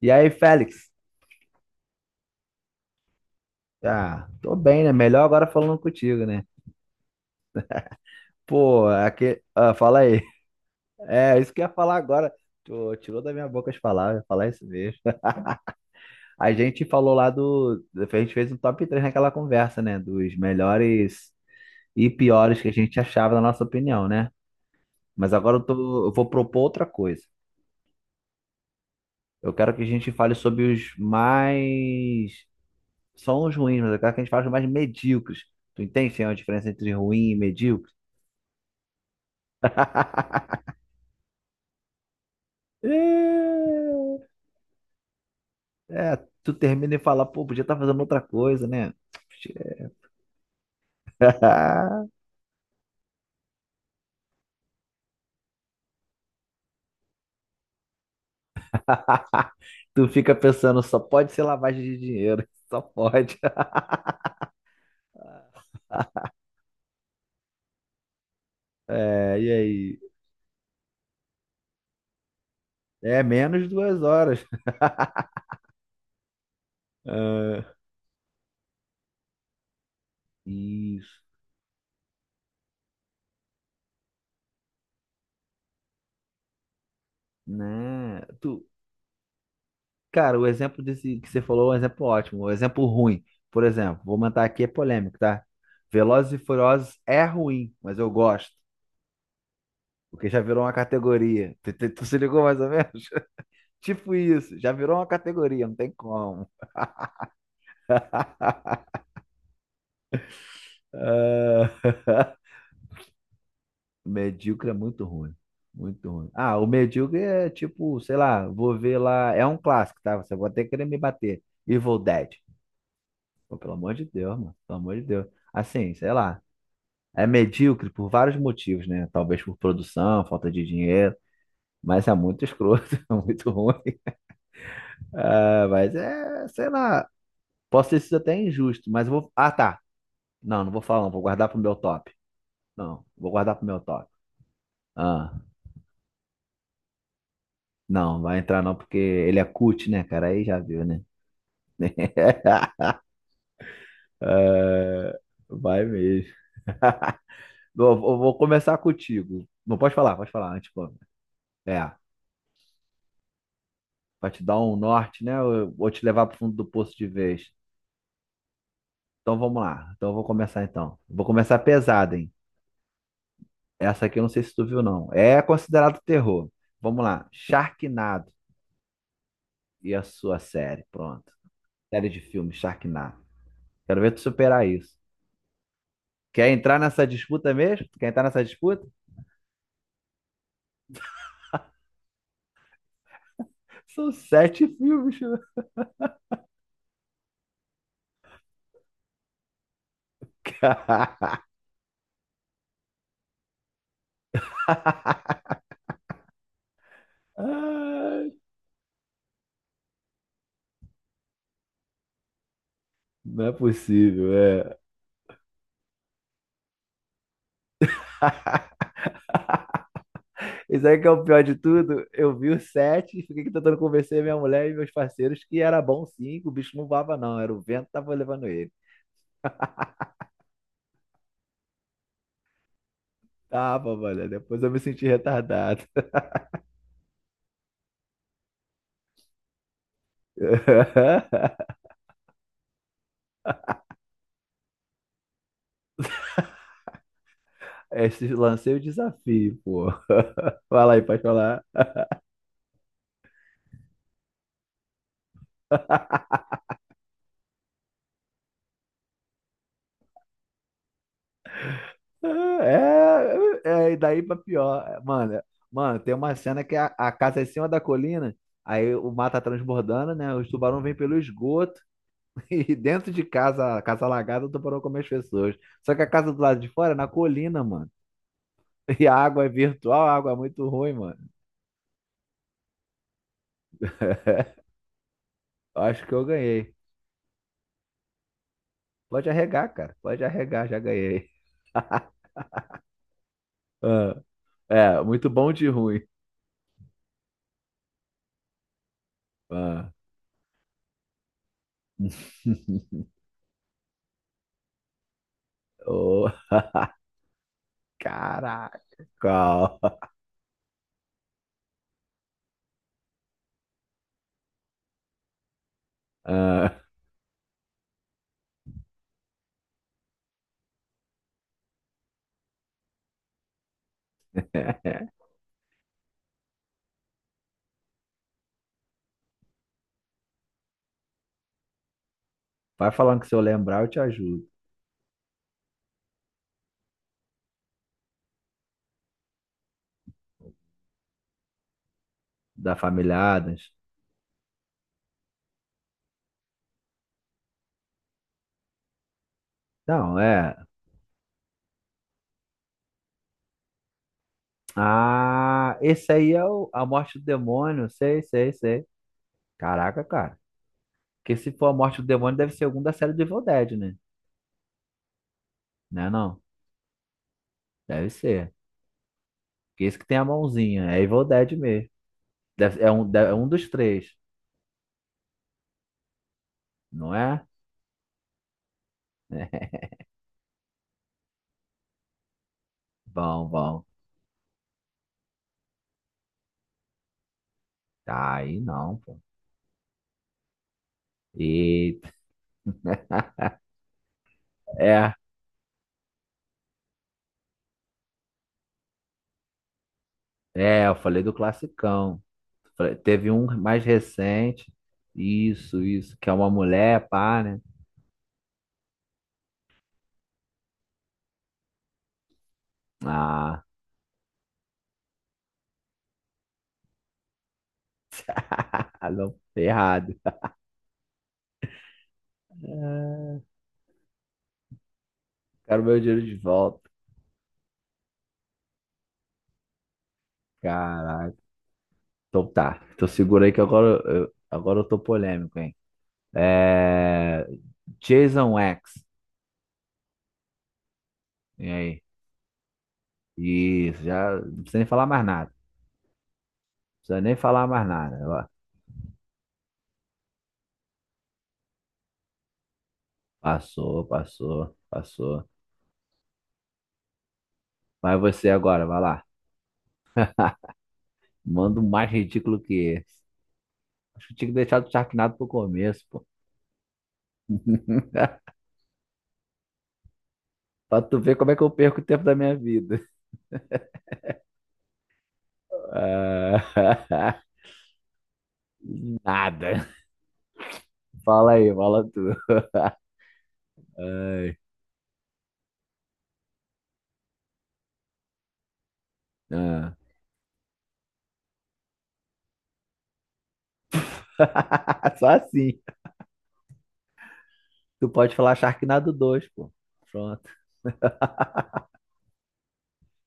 E aí, Félix? Ah, tô bem, né? Melhor agora falando contigo, né? Pô, aqui, ah, fala aí. É, isso que eu ia falar agora. Tu tirou da minha boca as palavras, eu ia falar isso mesmo. A gente falou lá do. A gente fez um top 3 naquela conversa, né? Dos melhores e piores que a gente achava, na nossa opinião, né? Mas agora eu tô, eu vou propor outra coisa. Eu quero que a gente fale sobre os mais. São os ruins, mas eu quero que a gente fale os mais medíocres. Tu entende, sim, a diferença entre ruim e medíocre? É, é, tu termina e fala, pô, podia estar fazendo outra coisa, né? Tu fica pensando, só pode ser lavagem de dinheiro, só pode. É, e aí? É menos de 2 horas. Ah, isso, né? Tu, cara, o exemplo desse que você falou é um exemplo ótimo, um exemplo ruim. Por exemplo, vou mandar aqui é polêmico, tá? Velozes e Furiosos é ruim, mas eu gosto, porque já virou uma categoria. Tu, tu se ligou mais ou menos? Tipo isso, já virou uma categoria, não tem como. Ah, medíocre é muito ruim. Muito ruim. Ah, o medíocre é tipo, sei lá, vou ver lá. É um clássico, tá? Você vai até querer me bater. Evil Dead. Pô, pelo amor de Deus, mano. Pelo amor de Deus. Assim, sei lá. É medíocre por vários motivos, né? Talvez por produção, falta de dinheiro. Mas é muito escroto, é muito ruim. Ah, mas é, sei lá. Posso ter sido até injusto, mas eu vou. Ah, tá. Não, não vou falar, não. Vou guardar pro meu top. Não, vou guardar pro meu top. Ah, não, vai entrar não, porque ele é cut, né, cara? Aí já viu, né? Vai mesmo. Eu vou começar contigo. Não pode falar, pode falar antes, pô. É, pra te dar um norte, né? Eu vou te levar pro fundo do poço de vez. Então vamos lá. Então eu vou começar então. Vou começar pesado, hein? Essa aqui eu não sei se tu viu, não. É considerado terror. Vamos lá. Sharknado e a sua série. Pronto. Série de filmes, Sharknado. Quero ver tu superar isso. Quer entrar nessa disputa mesmo? Tu quer entrar nessa disputa? São sete filmes, né, cara. Ai, não é possível, é. Isso aí que é o pior de tudo. Eu vi os sete e fiquei aqui tentando convencer minha mulher e meus parceiros que era bom sim, que o bicho não voava, não. Era o vento que tava levando ele. Tava, olha, depois eu me senti retardado. Esse lancei o desafio, pô. Vai lá aí, pode falar. É, é, é, e daí pra pior. É, mano, tem uma cena que a casa é em cima da colina, aí o mar tá transbordando, né? Os tubarões vêm pelo esgoto e dentro de casa, a casa alagada, o tubarão come as pessoas. Só que a casa do lado de fora é na colina, mano. E a água é virtual, a água é muito ruim, mano. Acho que eu ganhei. Pode arregar, cara. Pode arregar, já ganhei. Ah, é, muito bom de ruim. Ah. Oh, Caraca. Ah, vai falando que se eu lembrar, eu te ajudo. Da família Adams. Não, é. Ah, esse aí é a morte do demônio. Sei, sei, sei. Caraca, cara. Porque se for a morte do demônio, deve ser algum da série do Evil Dead, né? Não é não? Deve ser. Porque esse que tem a mãozinha. É Evil Dead mesmo. É um dos três, não é? Bom, bom. Tá aí não, pô. Eita. É, é, eu falei do classicão. Falei, teve um mais recente. Isso, que é uma mulher, pá, né? Ah, não, errado. Ah, quero meu dinheiro de volta. Caraca. Então tá. Então segura aí que agora eu tô polêmico, hein? É. Jason X. E aí? Isso, já não precisa nem falar mais nada. Não precisa nem falar mais nada. Ó, passou, passou, passou. Vai você agora, vai lá. Manda um mais ridículo que esse. Acho que tinha que deixar o Sharknado pro começo, pô. Pra tu ver como é que eu perco o tempo da minha vida. Ah, nada. Fala aí, fala tu. Ai, ah. Só assim. Tu pode falar Sharknado dois, pô. Pronto.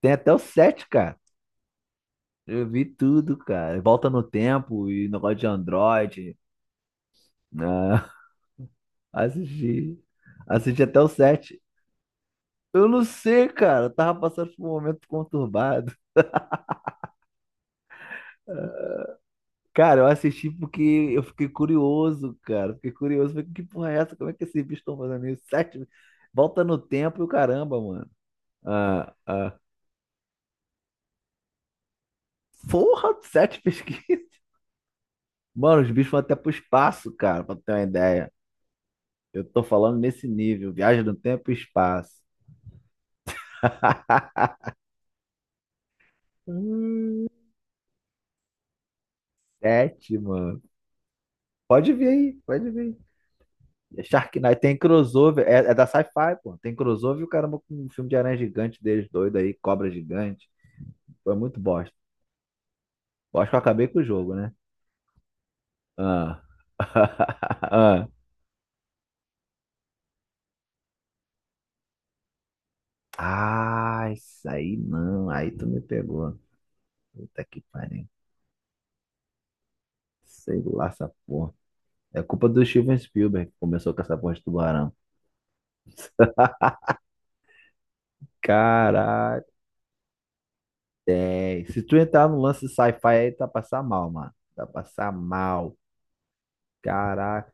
Tem até o 7, cara. Eu vi tudo, cara. Volta no tempo e negócio de Android. Ah, assisti. Assisti até o 7. Eu não sei, cara. Eu tava passando por um momento conturbado. Cara, eu assisti porque eu fiquei curioso, cara. Fiquei curioso. Falei, que porra é essa? Como é que esses bichos estão fazendo isso? Sete. Volta no tempo e o caramba, mano. Ah, ah. Porra, sete pesquisas. Mano, os bichos vão até pro espaço, cara, pra ter uma ideia. Eu tô falando nesse nível. Viagem no tempo e espaço. Hum, Sete, mano. Pode vir aí, pode vir. É Sharknado tem crossover, é da Sci-Fi, pô. Tem crossover e o caramba com um filme de aranha gigante deles doido aí, cobra gigante. Foi muito bosta. Eu acho que eu acabei com o jogo, né? Ah. Ah, ah, isso aí não. Aí tu me pegou. Puta que pariu. Sei lá essa porra. É culpa do Steven Spielberg que começou com essa porra de tubarão. Caraca. É, se tu entrar no lance de sci-fi aí, tá passar mal, mano. Tá passar mal. Caraca.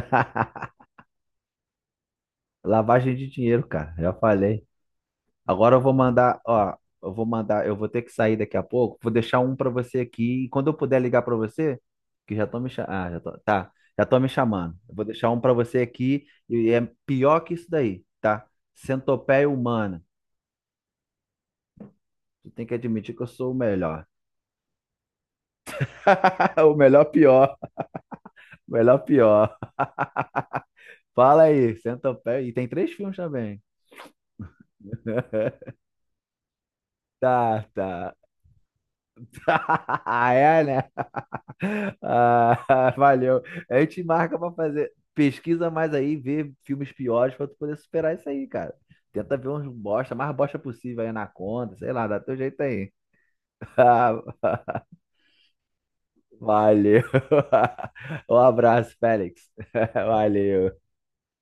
Lavagem de dinheiro, cara. Já falei. Agora eu vou mandar, eu vou ter que sair daqui a pouco. Vou deixar um pra você aqui e quando eu puder ligar pra você, que já tô me chamando, ah, já tô me chamando. Eu vou deixar um pra você aqui e é pior que isso daí, tá? Centopeia humana. Tu tem que admitir que eu sou o melhor. O melhor pior, o melhor pior. Fala aí, Centopeia. E tem três filmes também. Tá, tá. É, né? Ah, valeu. A gente marca pra fazer. Pesquisa mais aí, vê filmes piores pra tu poder superar isso aí, cara. Tenta ver uns bosta, mais bosta possível aí na conta, sei lá, dá teu jeito aí. Valeu. Um abraço, Félix. Valeu.